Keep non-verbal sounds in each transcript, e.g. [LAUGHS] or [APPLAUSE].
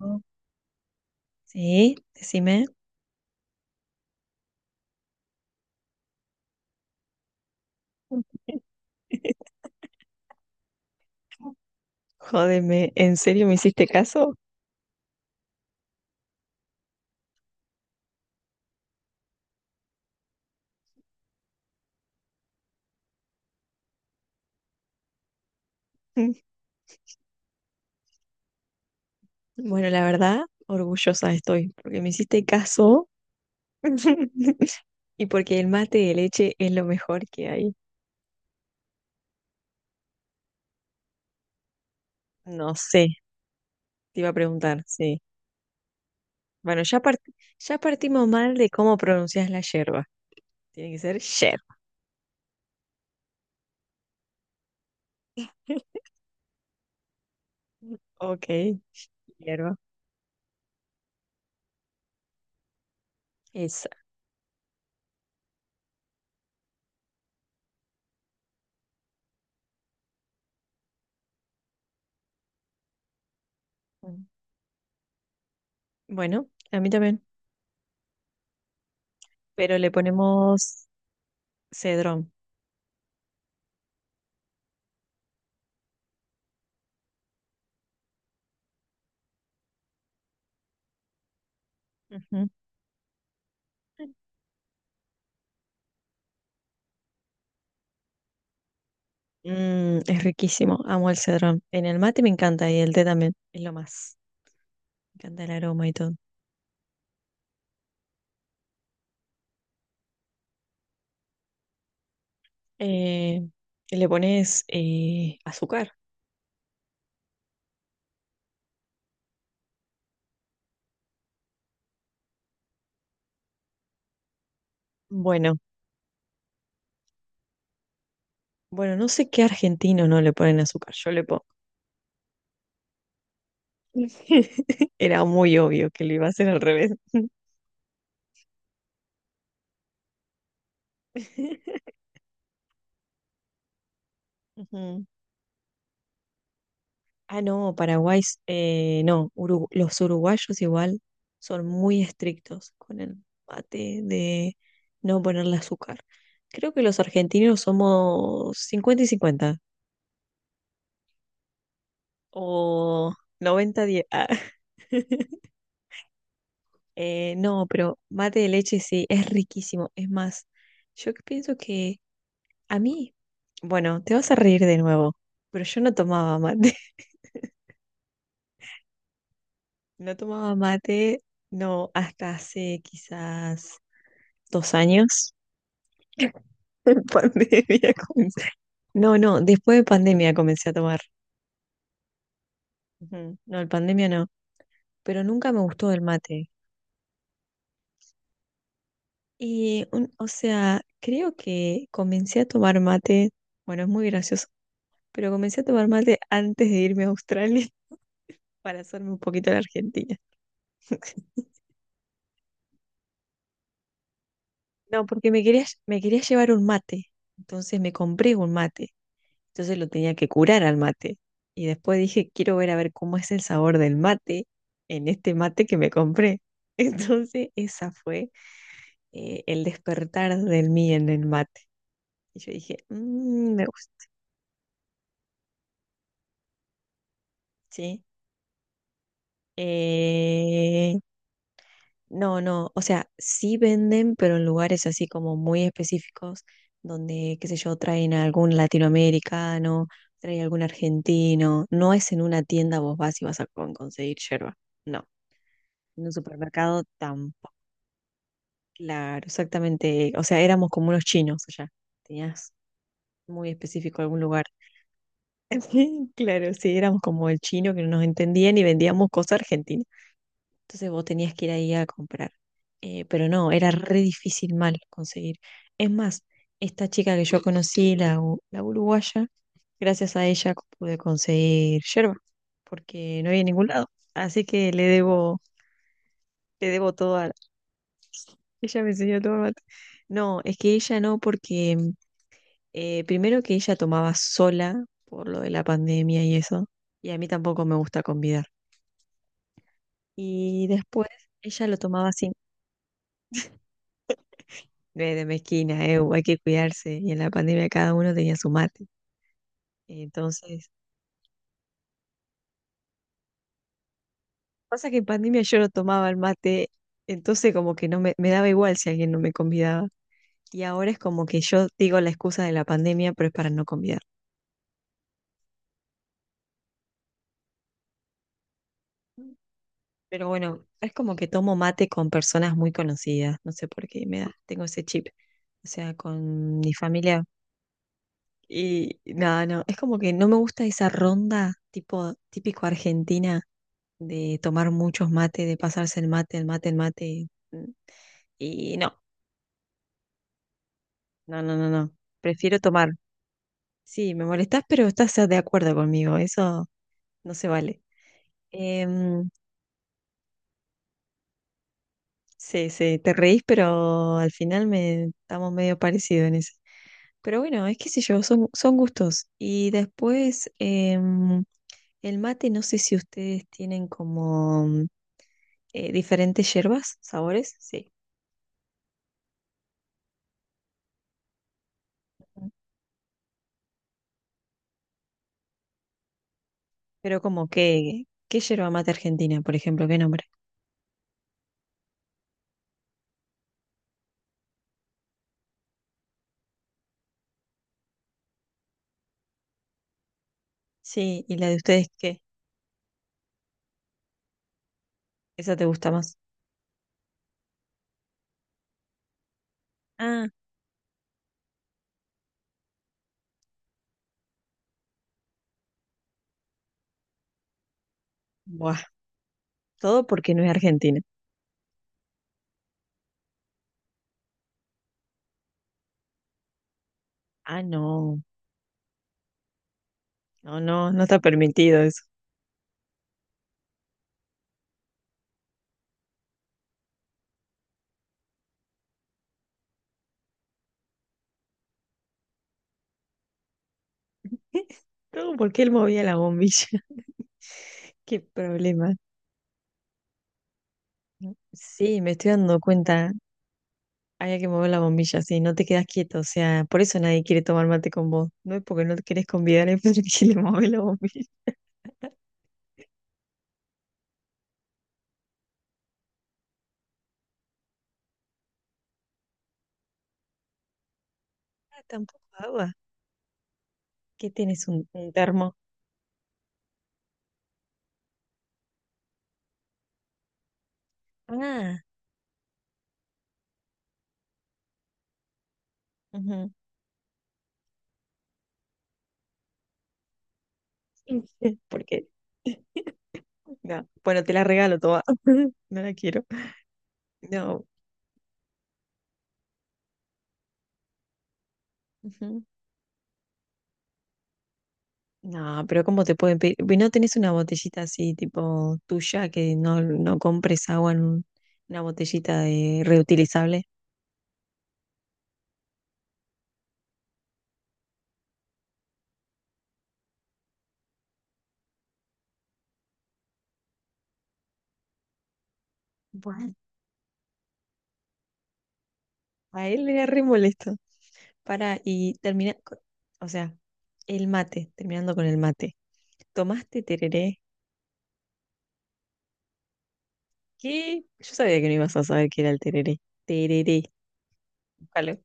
Oh, Sí, decime. [LAUGHS] Jódeme, ¿en serio me hiciste caso? [LAUGHS] Mm. Bueno, la verdad, orgullosa estoy, porque me hiciste caso [LAUGHS] y porque el mate de leche es lo mejor que hay. No sé, te iba a preguntar, sí. Bueno, ya, ya partimos mal de cómo pronuncias la yerba. Tiene que ser yer. [LAUGHS] Ok, hierba. Esa. Mm. Bueno, a mí también. Pero le ponemos cedrón. Ujú. Es riquísimo. Amo el cedrón. En el mate me encanta y el té también. Es lo más. Me encanta el aroma y todo. Eh, y le pones azúcar. Bueno, bueno, no sé qué argentino no le ponen azúcar. Yo le pongo. [LAUGHS] Era muy obvio que lo iba a hacer al revés. [LAUGHS] Ujú. Ah, no, Paraguay, no, los uruguayos igual son muy estrictos con el mate de no ponerle azúcar. Creo que los argentinos somos 50-50 o 90 diez. Ah. [LAUGHS] No, pero mate de leche sí, es riquísimo. Es más, yo que pienso que a mí, bueno, te vas a reír de nuevo, pero yo no tomaba mate. No tomaba mate, no, hasta hace quizás 2 años. [LAUGHS] En pandemia comencé. No, no, después de pandemia comencé a tomar. Ujú. No, en pandemia no, pero nunca me gustó el mate. Y, o sea, creo que comencé a tomar mate, bueno, es muy gracioso, pero comencé a tomar mate antes de irme a Australia [LAUGHS] para hacerme un poquito de la Argentina. [LAUGHS] No, porque me quería llevar un mate, entonces me compré un mate. Entonces lo tenía que curar al mate. Y después dije, quiero ver a ver cómo es el sabor del mate en este mate que me compré. [LAUGHS] Entonces esa fue el despertar del mí en el mate. Y yo dije, "Mm, me gusta, ¿sí? Eh, no, no, o sea, sí venden, pero en lugares así como muy específicos, donde, qué sé yo, traen a algún latinoamericano, traen a algún argentino. No es en una tienda vos vas y vas a conseguir yerba. No. En un supermercado tampoco. Claro, exactamente. O sea, éramos como unos chinos allá. Tenías muy específico algún lugar. [LAUGHS] Claro, sí, éramos como el chino que no nos entendían y vendíamos cosas argentinas. Entonces vos tenías que ir ahí a comprar. Pero no, era re difícil mal conseguir. Es más, esta chica que yo conocí, la uruguaya, gracias a ella pude conseguir yerba, porque no había en ningún lado. Así que le debo todo. Ella me enseñó a tomar mate. No, es que ella no, porque primero que ella tomaba sola por lo de la pandemia y eso, y a mí tampoco me gusta convidar. Y después ella lo tomaba sin de mezquina, hay que cuidarse, y en la pandemia cada uno tenía su mate. Entonces, pasa que en pandemia yo no tomaba el mate, entonces como que no me daba igual si alguien no me convidaba. Y ahora es como que yo digo la excusa de la pandemia, pero es para no convidar. Pero bueno, es como que tomo mate con personas muy conocidas, no sé por qué me da, tengo ese chip, o sea, con mi familia. Y nada, no, es como que no me gusta esa ronda tipo típico argentina de tomar muchos mates, de pasarse el mate, el mate, el mate. Y no, no, no, no, no. Prefiero tomar. Sí, me molestás, pero estás de acuerdo conmigo, eso no se vale. Em, sí, sí, te reís, pero al final me estamos medio parecidos en eso. Pero bueno, es que sé yo, son gustos. Y después, el mate, no sé si ustedes tienen como diferentes hierbas, sabores, sí. Ujú. Pero como que, ¿qué yerba mate argentina, por ejemplo? ¿Qué nombre? Sí, ¿y la de ustedes qué? ¿Esa te gusta más? Ah, buah, todo porque no es argentina. Ah, no, no, no, no está permitido eso. [LAUGHS] Todo porque él movía la bombilla. [LAUGHS] Qué problema. Sí, me estoy dando cuenta. Había que mover la bombilla, sí, no te quedas quieto, o sea, por eso nadie quiere tomar mate con vos. No es porque no te querés convidar, es porque [LAUGHS] le mueve la bombilla. Ah, tampoco agua. ¿Qué tienes un termo? Ah, ujú. [LAUGHS] Porque no. Bueno, te la regalo toda. [LAUGHS] No la quiero. No. Ujú. No, pero ¿cómo te pueden pedir? ¿No tenés una botellita así, tipo tuya, que no, no compres agua en una botellita de reutilizable? What? A él era re molesto. Para, y termina, o sea, el mate, terminando con el mate. ¿Tomaste tereré? ¿Qué? Yo sabía que no ibas a saber qué era el tereré. Tereré, búscalo.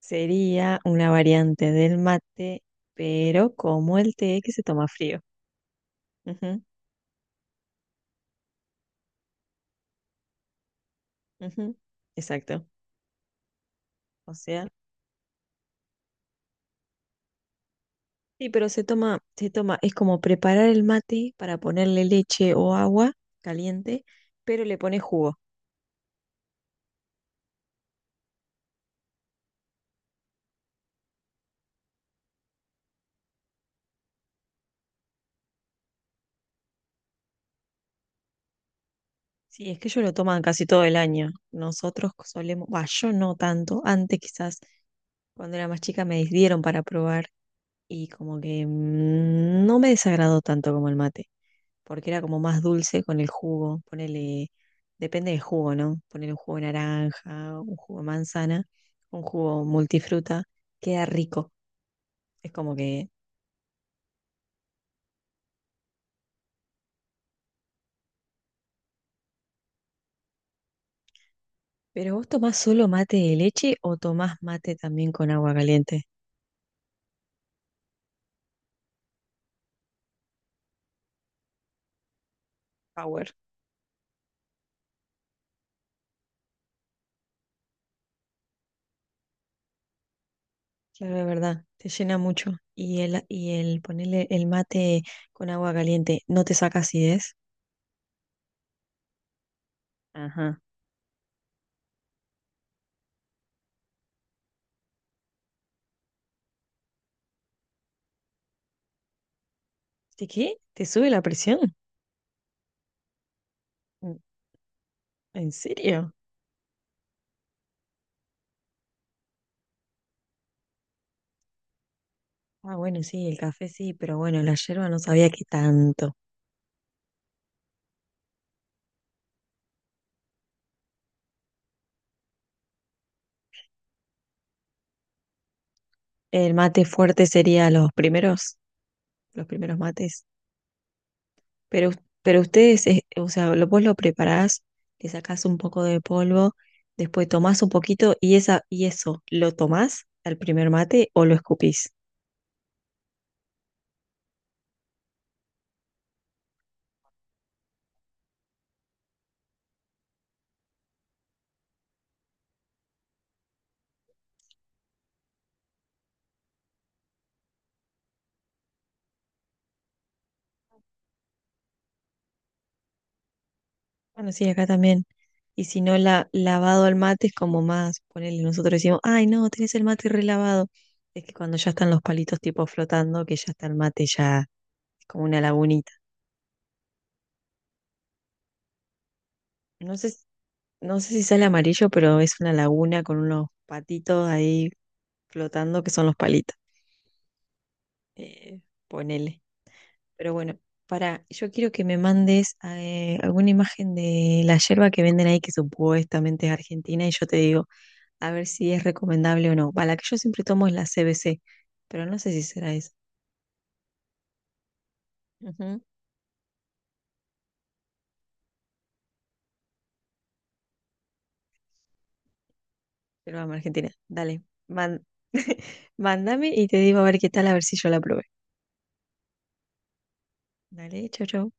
Sería una variante del mate, pero como el té que se toma frío. Ujú, ujú, Exacto. O sea, sí, pero se toma, es como preparar el mate para ponerle leche o agua caliente, pero le pones jugo. Sí, es que ellos lo toman casi todo el año. Nosotros solemos, bah, yo no tanto. Antes quizás, cuando era más chica, me dieron para probar y como que no me desagradó tanto como el mate, porque era como más dulce con el jugo. Ponele, depende del jugo, ¿no? Ponele un jugo de naranja, un jugo de manzana, un jugo multifruta. Queda rico. Es como que... ¿Pero vos tomás solo mate de leche o tomás mate también con agua caliente? Power. Claro, es verdad, te llena mucho. Y el ponerle el mate con agua caliente, ¿no te saca acidez? Ajá. ¿De qué? ¿Te sube la presión? Mm, ¿En serio? Ah, bueno, sí, el café sí, pero bueno, la yerba no sabía que tanto. El mate fuerte sería los primeros mates. Pero, pero ustedes, o sea, vos lo preparás, le sacás un poco de polvo, después tomás un poquito y, esa, y eso, ¿lo tomás al primer mate o lo escupís? Bueno, sí, acá también. Y si no, lavado al mate es como más, ponele, nosotros decimos, ay, no, tenés el mate relavado. Es que cuando ya están los palitos tipo flotando, que ya está el mate ya es como una lagunita. No sé, no sé si sale amarillo, pero es una laguna con unos patitos ahí flotando que son los palitos. Eh, ponele. Pero bueno, yo quiero que me mandes alguna imagen de la yerba que venden ahí que supuestamente es argentina y yo te digo a ver si es recomendable o no. Va, la que yo siempre tomo es la CBC, pero no sé si será esa. Ujú. Pero vamos, Argentina, dale, man- [LAUGHS] mándame y te digo a ver qué tal, a ver si yo la probé. Dale, chau, chau.